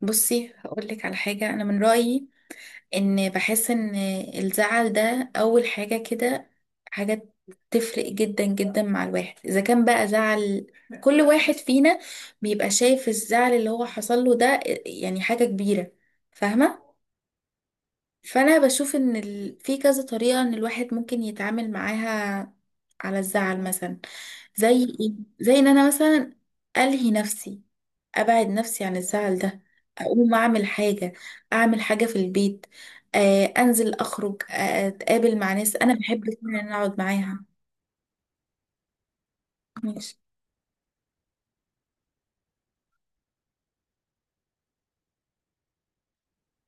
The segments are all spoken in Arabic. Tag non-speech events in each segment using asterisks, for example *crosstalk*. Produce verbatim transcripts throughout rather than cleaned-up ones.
بصي هقول لك على حاجة. أنا من رأيي إن بحس إن الزعل ده أول حاجة كده، حاجة تفرق جدا جدا مع الواحد. إذا كان بقى زعل، كل واحد فينا بيبقى شايف الزعل اللي هو حصل له ده يعني حاجة كبيرة. فاهمة؟ فأنا بشوف إن ال... في كذا طريقة إن الواحد ممكن يتعامل معاها على الزعل مثلا. زي إيه؟ زي إن أنا مثلا ألهي نفسي، ابعد نفسي عن الزعل ده، اقوم اعمل حاجه، اعمل حاجه في البيت، آه انزل اخرج، آه اتقابل مع ناس انا بحب فعلا ان أنا اقعد معاها. ماشي،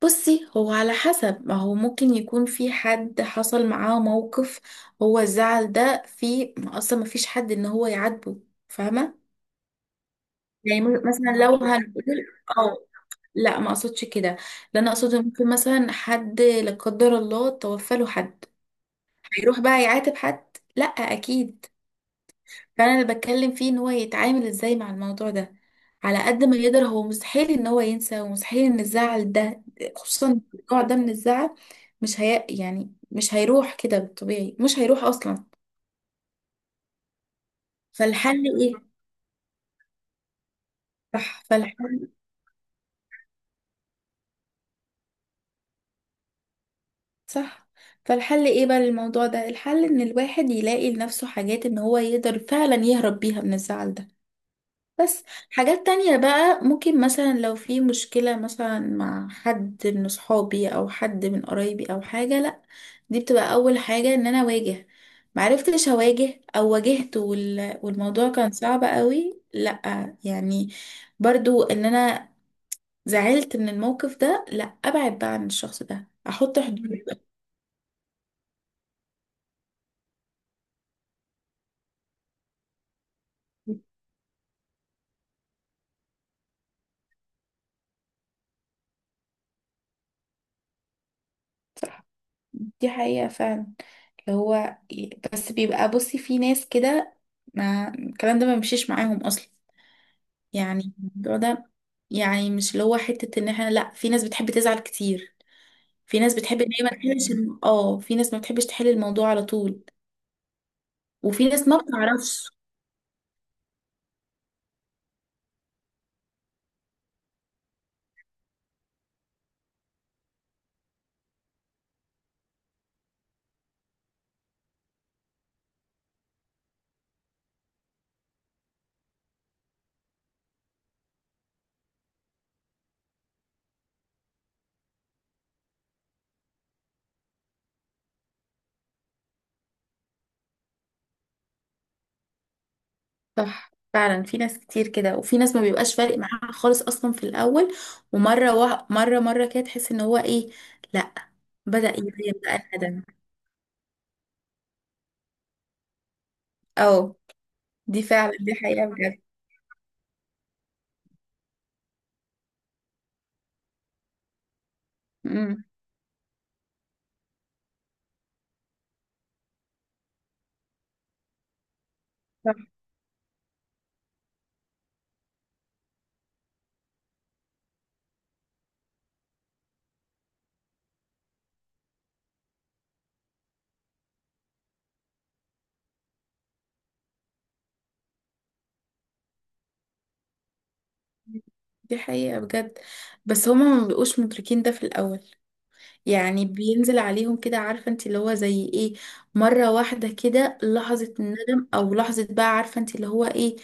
بصي هو على حسب. ما هو ممكن يكون في حد حصل معاه موقف، هو الزعل ده في اصلا ما فيش حد ان هو يعاتبه، فاهمه؟ يعني م- مثلا لو هنقول، اه لا ما اقصدش كده. لا انا اقصد ممكن مثلا حد لا قدر الله توفى له حد، هيروح بقى يعاتب حد؟ لا اكيد. فانا اللي بتكلم فيه ان هو يتعامل ازاي مع الموضوع ده. على قد ما يقدر، هو مستحيل ان هو ينسى، ومستحيل ان الزعل ده، خصوصا النوع ده من الزعل، مش هي يعني مش هيروح كده بالطبيعي، مش هيروح اصلا. فالحل ايه؟ صح، فالحل، صح. فالحل ايه بقى للموضوع ده؟ الحل ان الواحد يلاقي لنفسه حاجات ان هو يقدر فعلا يهرب بيها من الزعل ده. بس حاجات تانية بقى، ممكن مثلا لو في مشكلة مثلا مع حد من صحابي أو حد من قرايبي أو حاجة، لأ دي بتبقى أول حاجة إن أنا أواجه. معرفتش أواجه أو واجهت وال... والموضوع كان صعب قوي، لأ يعني برضو إن أنا زعلت من الموقف ده، لأ أبعد بقى عن الشخص ده، أحط حدود. صح، دي حقيقة فعلا، اللي هو، بس بيبقى، بصي في ناس كده ما الكلام ده ما بيمشيش معاهم أصلا. يعني الموضوع ده، يعني مش اللي هو حتة ان احنا، لا، في ناس بتحب تزعل كتير، في ناس بتحب ان هي ما تحلش الم- اه في ناس ما بتحبش تحل الموضوع على طول، وفي ناس ما بتعرفش. صح، فعلا في ناس كتير كده، وفي ناس ما بيبقاش فارق معاها خالص اصلا في الاول، ومرة وه... مرة مرة كده تحس ان هو ايه، لا، بدأ يبان بقى الندم. اه، دي فعلا دي حقيقة بجد. امم صح، دي حقيقة بجد. بس هما ما بيبقوش مدركين ده في الاول. يعني بينزل عليهم كده، عارفة انت، اللي هو زي ايه، مرة واحدة كده، لحظة الندم او لحظة، بقى عارفة انت اللي هو ايه.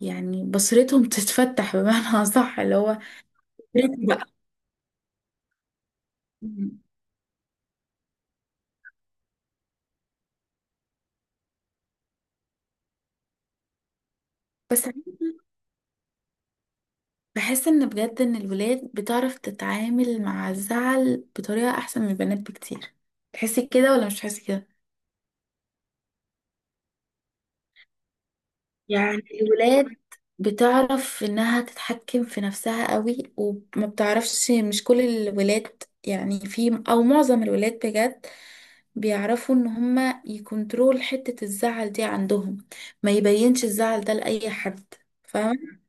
يعني بصيرتهم *laughs* تتفتح، بمعنى صح اللي هو بقيت بقى. بس بحس ان بجد ان الولاد بتعرف تتعامل مع الزعل بطريقة احسن من البنات بكتير. تحسي كده ولا مش تحسي كده؟ يعني الولاد بتعرف انها تتحكم في نفسها قوي، وما بتعرفش، مش كل الولاد يعني، في او معظم الولاد بجد بيعرفوا ان هما يكنترول حتة الزعل دي عندهم، ما يبينش الزعل ده لأي حد. فاهمة؟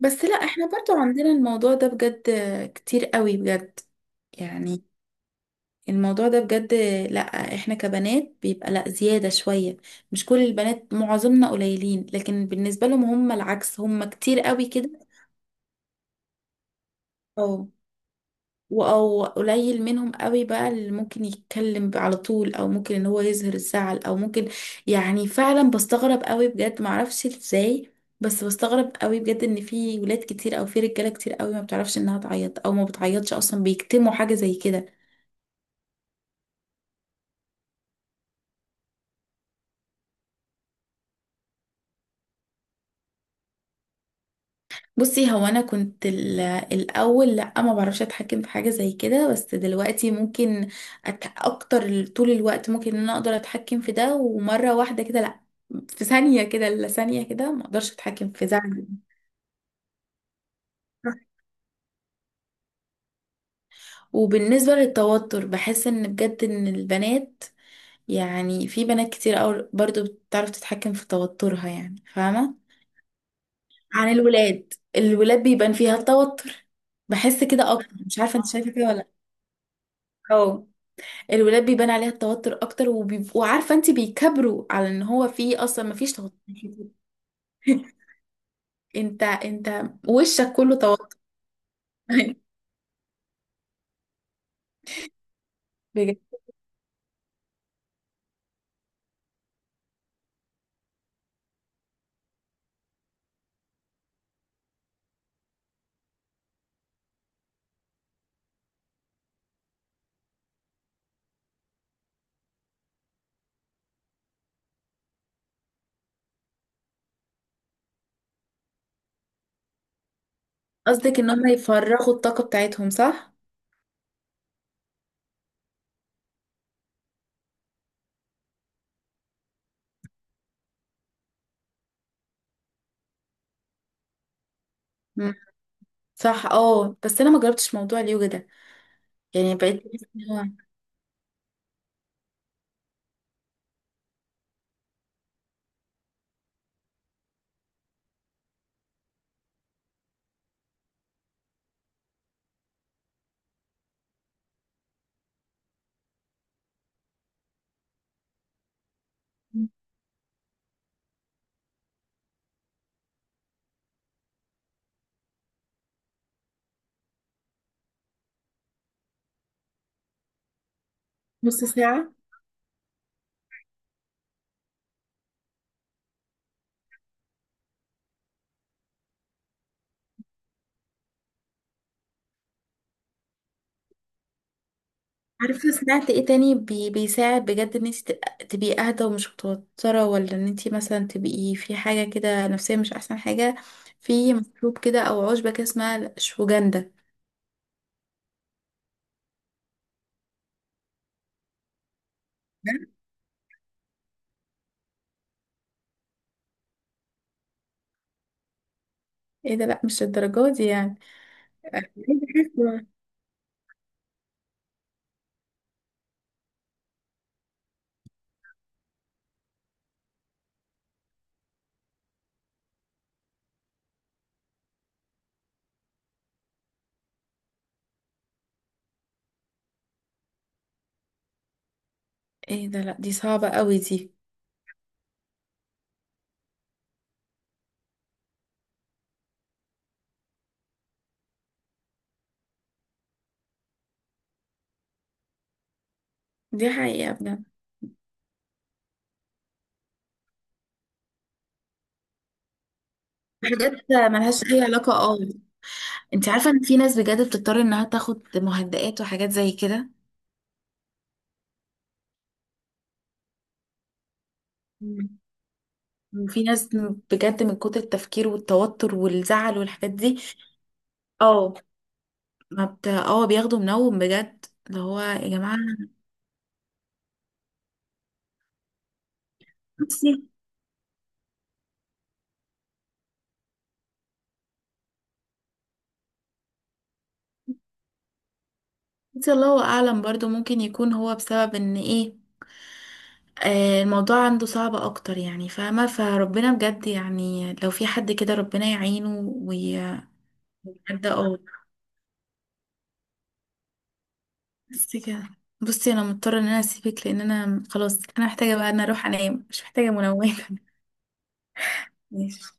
بس لا، احنا برضو عندنا الموضوع ده بجد، كتير قوي بجد، يعني الموضوع ده بجد، لا، احنا كبنات بيبقى لا زيادة شوية، مش كل البنات، معظمنا قليلين، لكن بالنسبة لهم هم العكس، هم كتير قوي كده. او او قليل منهم قوي بقى اللي ممكن يتكلم على طول، او ممكن ان هو يظهر الزعل او ممكن، يعني فعلا بستغرب قوي بجد، معرفش ازاي. بس بستغرب قوي بجد ان في ولاد كتير، او في رجاله كتير قوي، ما بتعرفش انها تعيط او ما بتعيطش اصلا، بيكتموا حاجه زي كده. بصي هو انا كنت ال- الاول لا ما بعرفش اتحكم في حاجه زي كده، بس دلوقتي ممكن أت... اكتر، طول الوقت ممكن ان انا اقدر اتحكم في ده، ومره واحده كده لا، في ثانيه كده، لا، ثانيه كده ما اقدرش اتحكم في زعلي. وبالنسبه للتوتر، بحس ان بجد ان البنات، يعني في بنات كتير أوي برضو بتعرف تتحكم في توترها، يعني فاهمه، عن الولاد. الولاد بيبان فيها التوتر، بحس كده اكتر. مش عارفه انت شايفه كده ولا لا. آه. الولاد بيبان عليها التوتر اكتر، وبيبقوا، عارفه انت، بيكبروا على ان هو فيه اصلا ما فيش توتر. *laughs* انت، انت وشك كله توتر. *laughs* بجد. قصدك ان هم يفرغوا الطاقه بتاعتهم؟ صح. مم. صح، اه، بس انا ما جربتش موضوع اليوجا ده. يعني بقيت بحس إن هو نص ساعه. عارفه سمعت ايه تاني بي بيساعد بجد ان انت تبقى- تبقي اهدى ومش متوتره، ولا ان انت مثلا تبقي في حاجه كده نفسيه مش احسن حاجه؟ في مشروب كده او عشبه كده اسمها شوجندا. ايه ده؟ لا مش الدرجات دي يعني، عايزة أحس- ايه ده؟ لا دي صعبة قوي دي. دي حقيقة بجد. حاجات ملهاش اي علاقة، اه. انت عارفة ان في ناس بجد بتضطر انها تاخد مهدئات وحاجات زي كده؟ مم. وفي ناس بجد، من كتر التفكير والتوتر والزعل والحاجات دي، اه، ما بت... اه بياخدوا منوم بجد، اللي هو يا جماعة. نفسي، نفسي الله اعلم. برضو ممكن يكون هو بسبب ان ايه، آه، الموضوع عنده صعب اكتر، يعني فاهمة؟ فربنا بجد، يعني لو في حد كده ربنا يعينه ويعدى. اه، بس كده. بصي انا مضطرة ان انا اسيبك، لان انا خلاص انا محتاجة بقى ان اروح انام، مش محتاجة منومة. *laughs* ماشي.